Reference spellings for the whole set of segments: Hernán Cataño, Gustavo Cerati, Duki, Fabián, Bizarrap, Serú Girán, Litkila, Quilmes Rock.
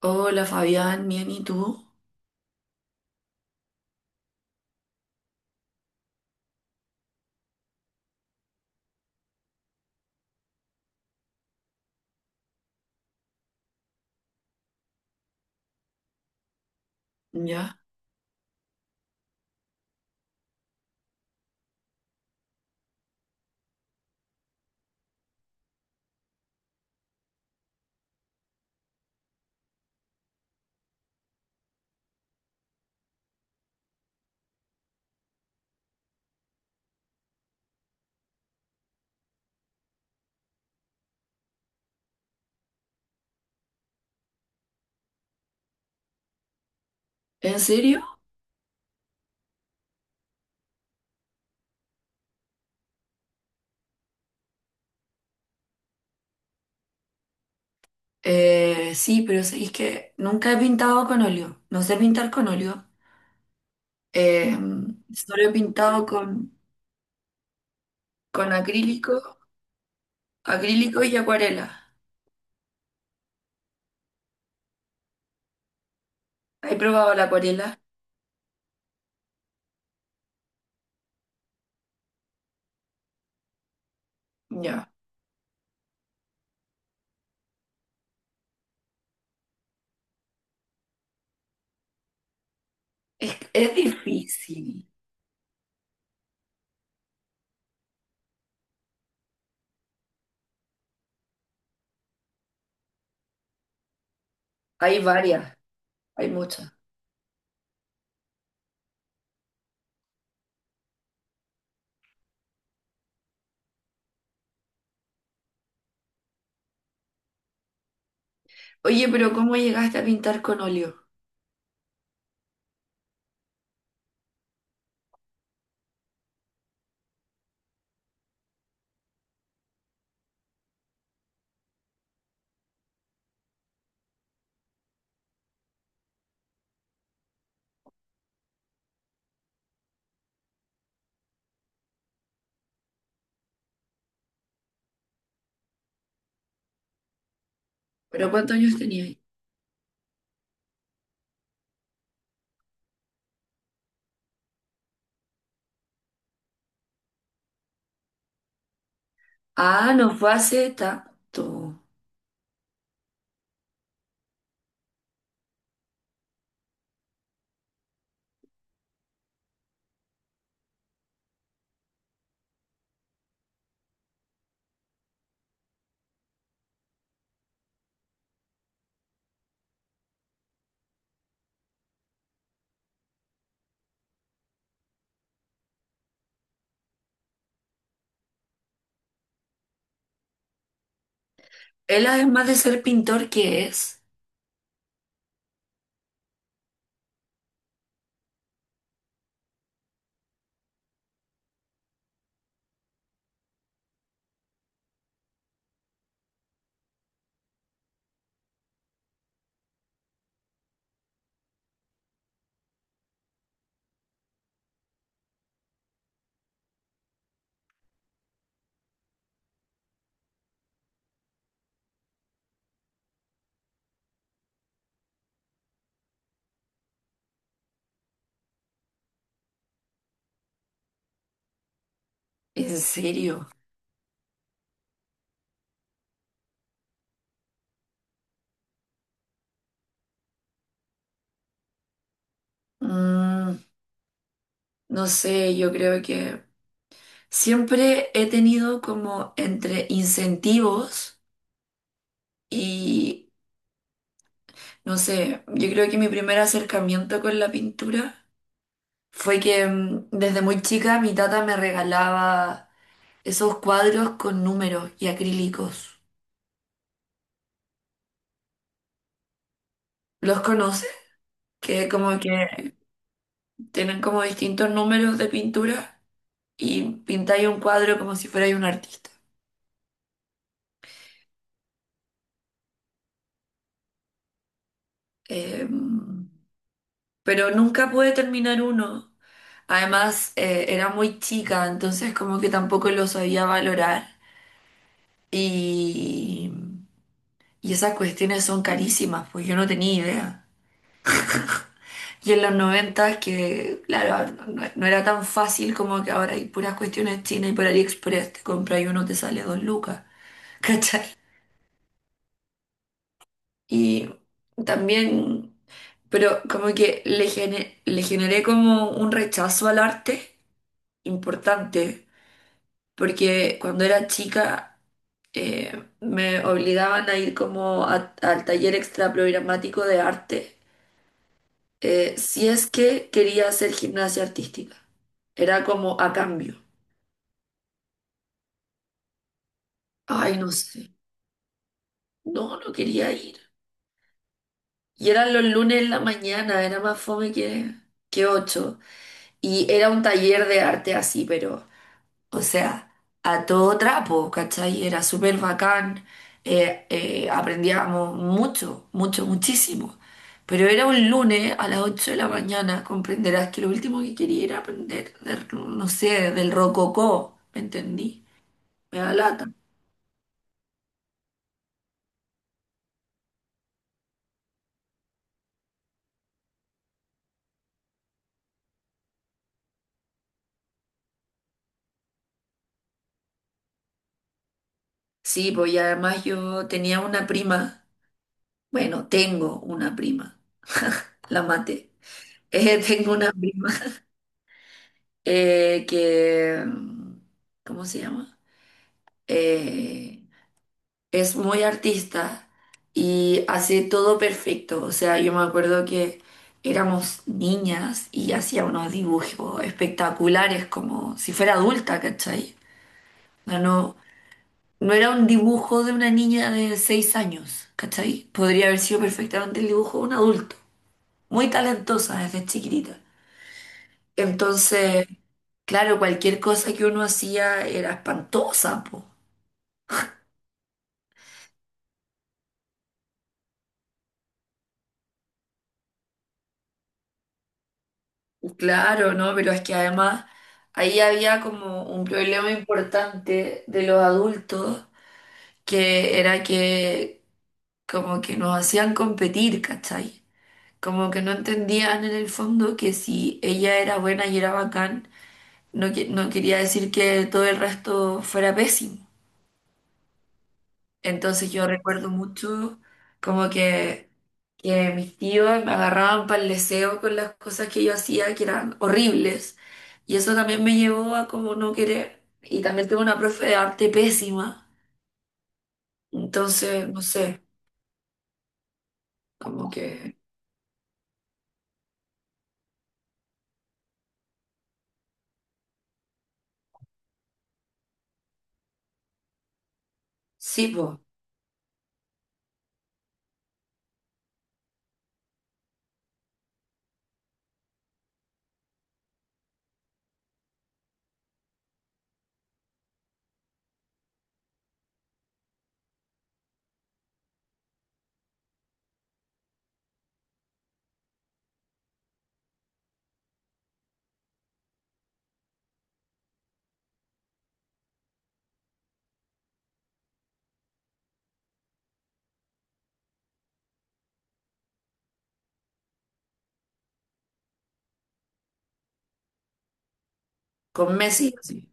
Hola Fabián, bien, ¿y tú? ¿Ya? ¿En serio? Sí, pero es que nunca he pintado con óleo. No sé pintar con óleo. Eh, solo he pintado con acrílico, acrílico y acuarela. ¿He probado la acuarela? Ya. Es difícil. Hay varias, hay muchas. Oye, pero ¿cómo llegaste a pintar con óleo? ¿Pero cuántos años tenías? Ah, no fue hace tanto. Él además de ser pintor, ¿qué es? ¿En serio? Mm, no sé, yo creo que siempre he tenido como entre incentivos y, no sé, yo creo que mi primer acercamiento con la pintura fue que desde muy chica mi tata me regalaba esos cuadros con números y acrílicos. ¿Los conoces? Que como que tienen como distintos números de pintura y pintáis un cuadro como si fuerais un artista. Em, pero nunca pude terminar uno. Además, era muy chica, entonces como que tampoco lo sabía valorar. Y, y esas cuestiones son carísimas, pues yo no tenía idea. Y en los 90 que, claro, no era tan fácil como que ahora hay puras cuestiones chinas y por AliExpress te compras y uno te sale dos lucas, ¿cachai? Y también, pero como que le generé como un rechazo al arte importante porque cuando era chica me obligaban a ir como al taller extraprogramático de arte si es que quería hacer gimnasia artística. Era como a cambio. Ay, no sé. No, no quería ir. Y eran los lunes en la mañana, era más fome que ocho. Y era un taller de arte así, pero o sea, a todo trapo, ¿cachai? Era súper bacán, aprendíamos mucho, mucho, muchísimo. Pero era un lunes a las 8 de la mañana, comprenderás que lo último que quería era aprender, no sé, del rococó, ¿me entendí? Me da lata. Sí, pues y además yo tenía una prima, bueno, tengo una prima, la maté. Tengo una prima que, ¿cómo se llama? Eh, es muy artista y hace todo perfecto. O sea, yo me acuerdo que éramos niñas y hacía unos dibujos espectaculares, como si fuera adulta, ¿cachai? No, no, no era un dibujo de una niña de 6 años, ¿cachai? Podría haber sido perfectamente el dibujo de un adulto. Muy talentosa desde chiquitita. Entonces, claro, cualquier cosa que uno hacía era espantosa, po. Claro, ¿no? Pero es que además ahí había como un problema importante de los adultos, que era que como que nos hacían competir, ¿cachai? Como que no entendían en el fondo que si ella era buena y era bacán, no, no quería decir que todo el resto fuera pésimo. Entonces yo recuerdo mucho como que mis tíos me agarraban para el deseo con las cosas que yo hacía, que eran horribles. Y eso también me llevó a como no querer. Y también tuve una profe de arte pésima. Entonces, no sé, como que sí, po, con Messi, sí.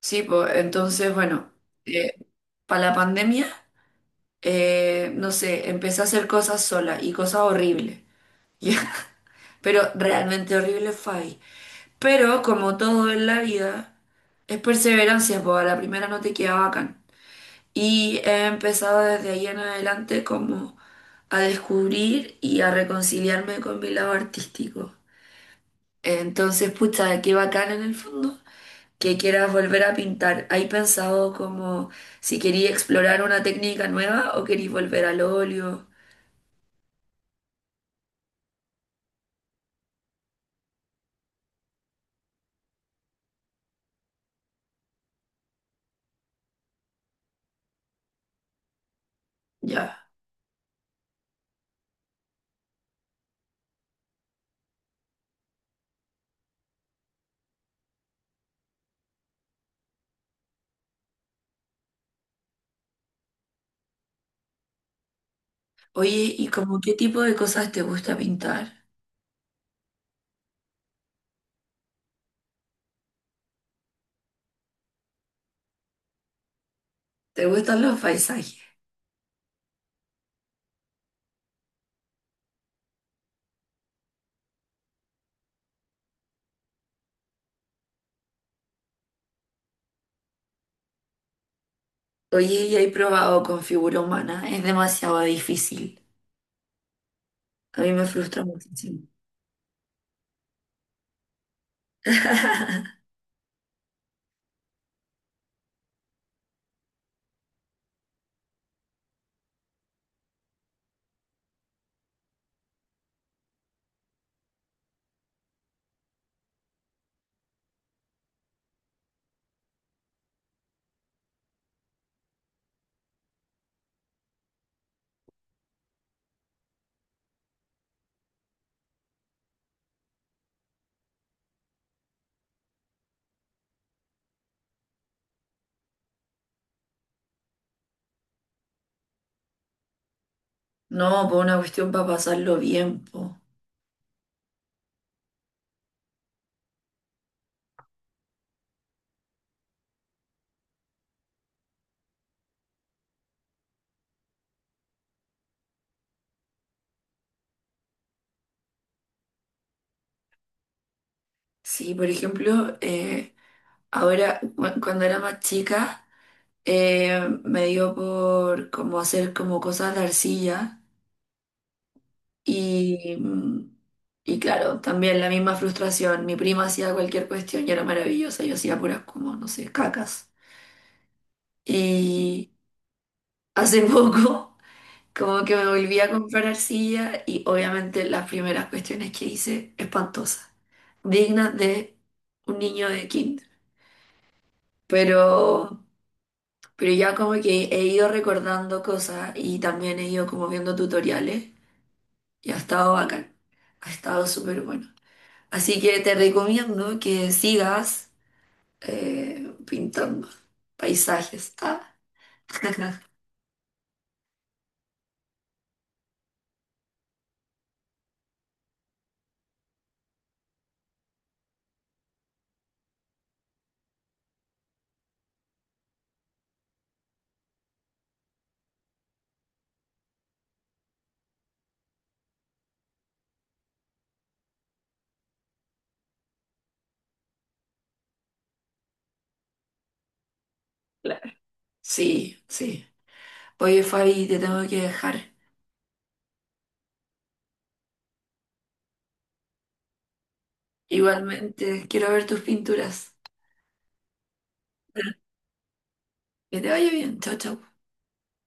Sí, pues entonces, bueno, para la pandemia, no sé, empecé a hacer cosas sola y cosas horribles. Pero realmente horrible fue ahí. Pero como todo en la vida, es perseverancia, pues a la primera no te queda bacán. Y he empezado desde ahí en adelante como a descubrir y a reconciliarme con mi lado artístico. Entonces, pucha, qué bacán en el fondo que quieras volver a pintar. ¿Hay pensado como si quería explorar una técnica nueva o querís volver al óleo? Ya. Oye, ¿y como qué tipo de cosas te gusta pintar? ¿Te gustan los paisajes? Oye, ya he probado con figura humana, es demasiado difícil. A mí me frustra muchísimo. No, por una cuestión para pasarlo bien, po. Sí, por ejemplo, ahora cuando era más chica me dio por como hacer como cosas de arcilla y, mm, y claro, también la misma frustración. Mi prima hacía cualquier cuestión y era maravillosa, yo hacía puras como, no sé, cacas. Y hace poco... Como que me volví a comprar arcilla y obviamente las primeras cuestiones que hice, espantosas, dignas de un niño de kinder. Pero, pero ya como que he ido recordando cosas y también he ido como viendo tutoriales y ha estado bacán, ha estado súper bueno. Así que te recomiendo que sigas pintando paisajes. Ah. Claro. Sí, sí. Oye, Fabi, te tengo que dejar. Igualmente, quiero ver tus pinturas. Que te vaya bien. Chao, chao.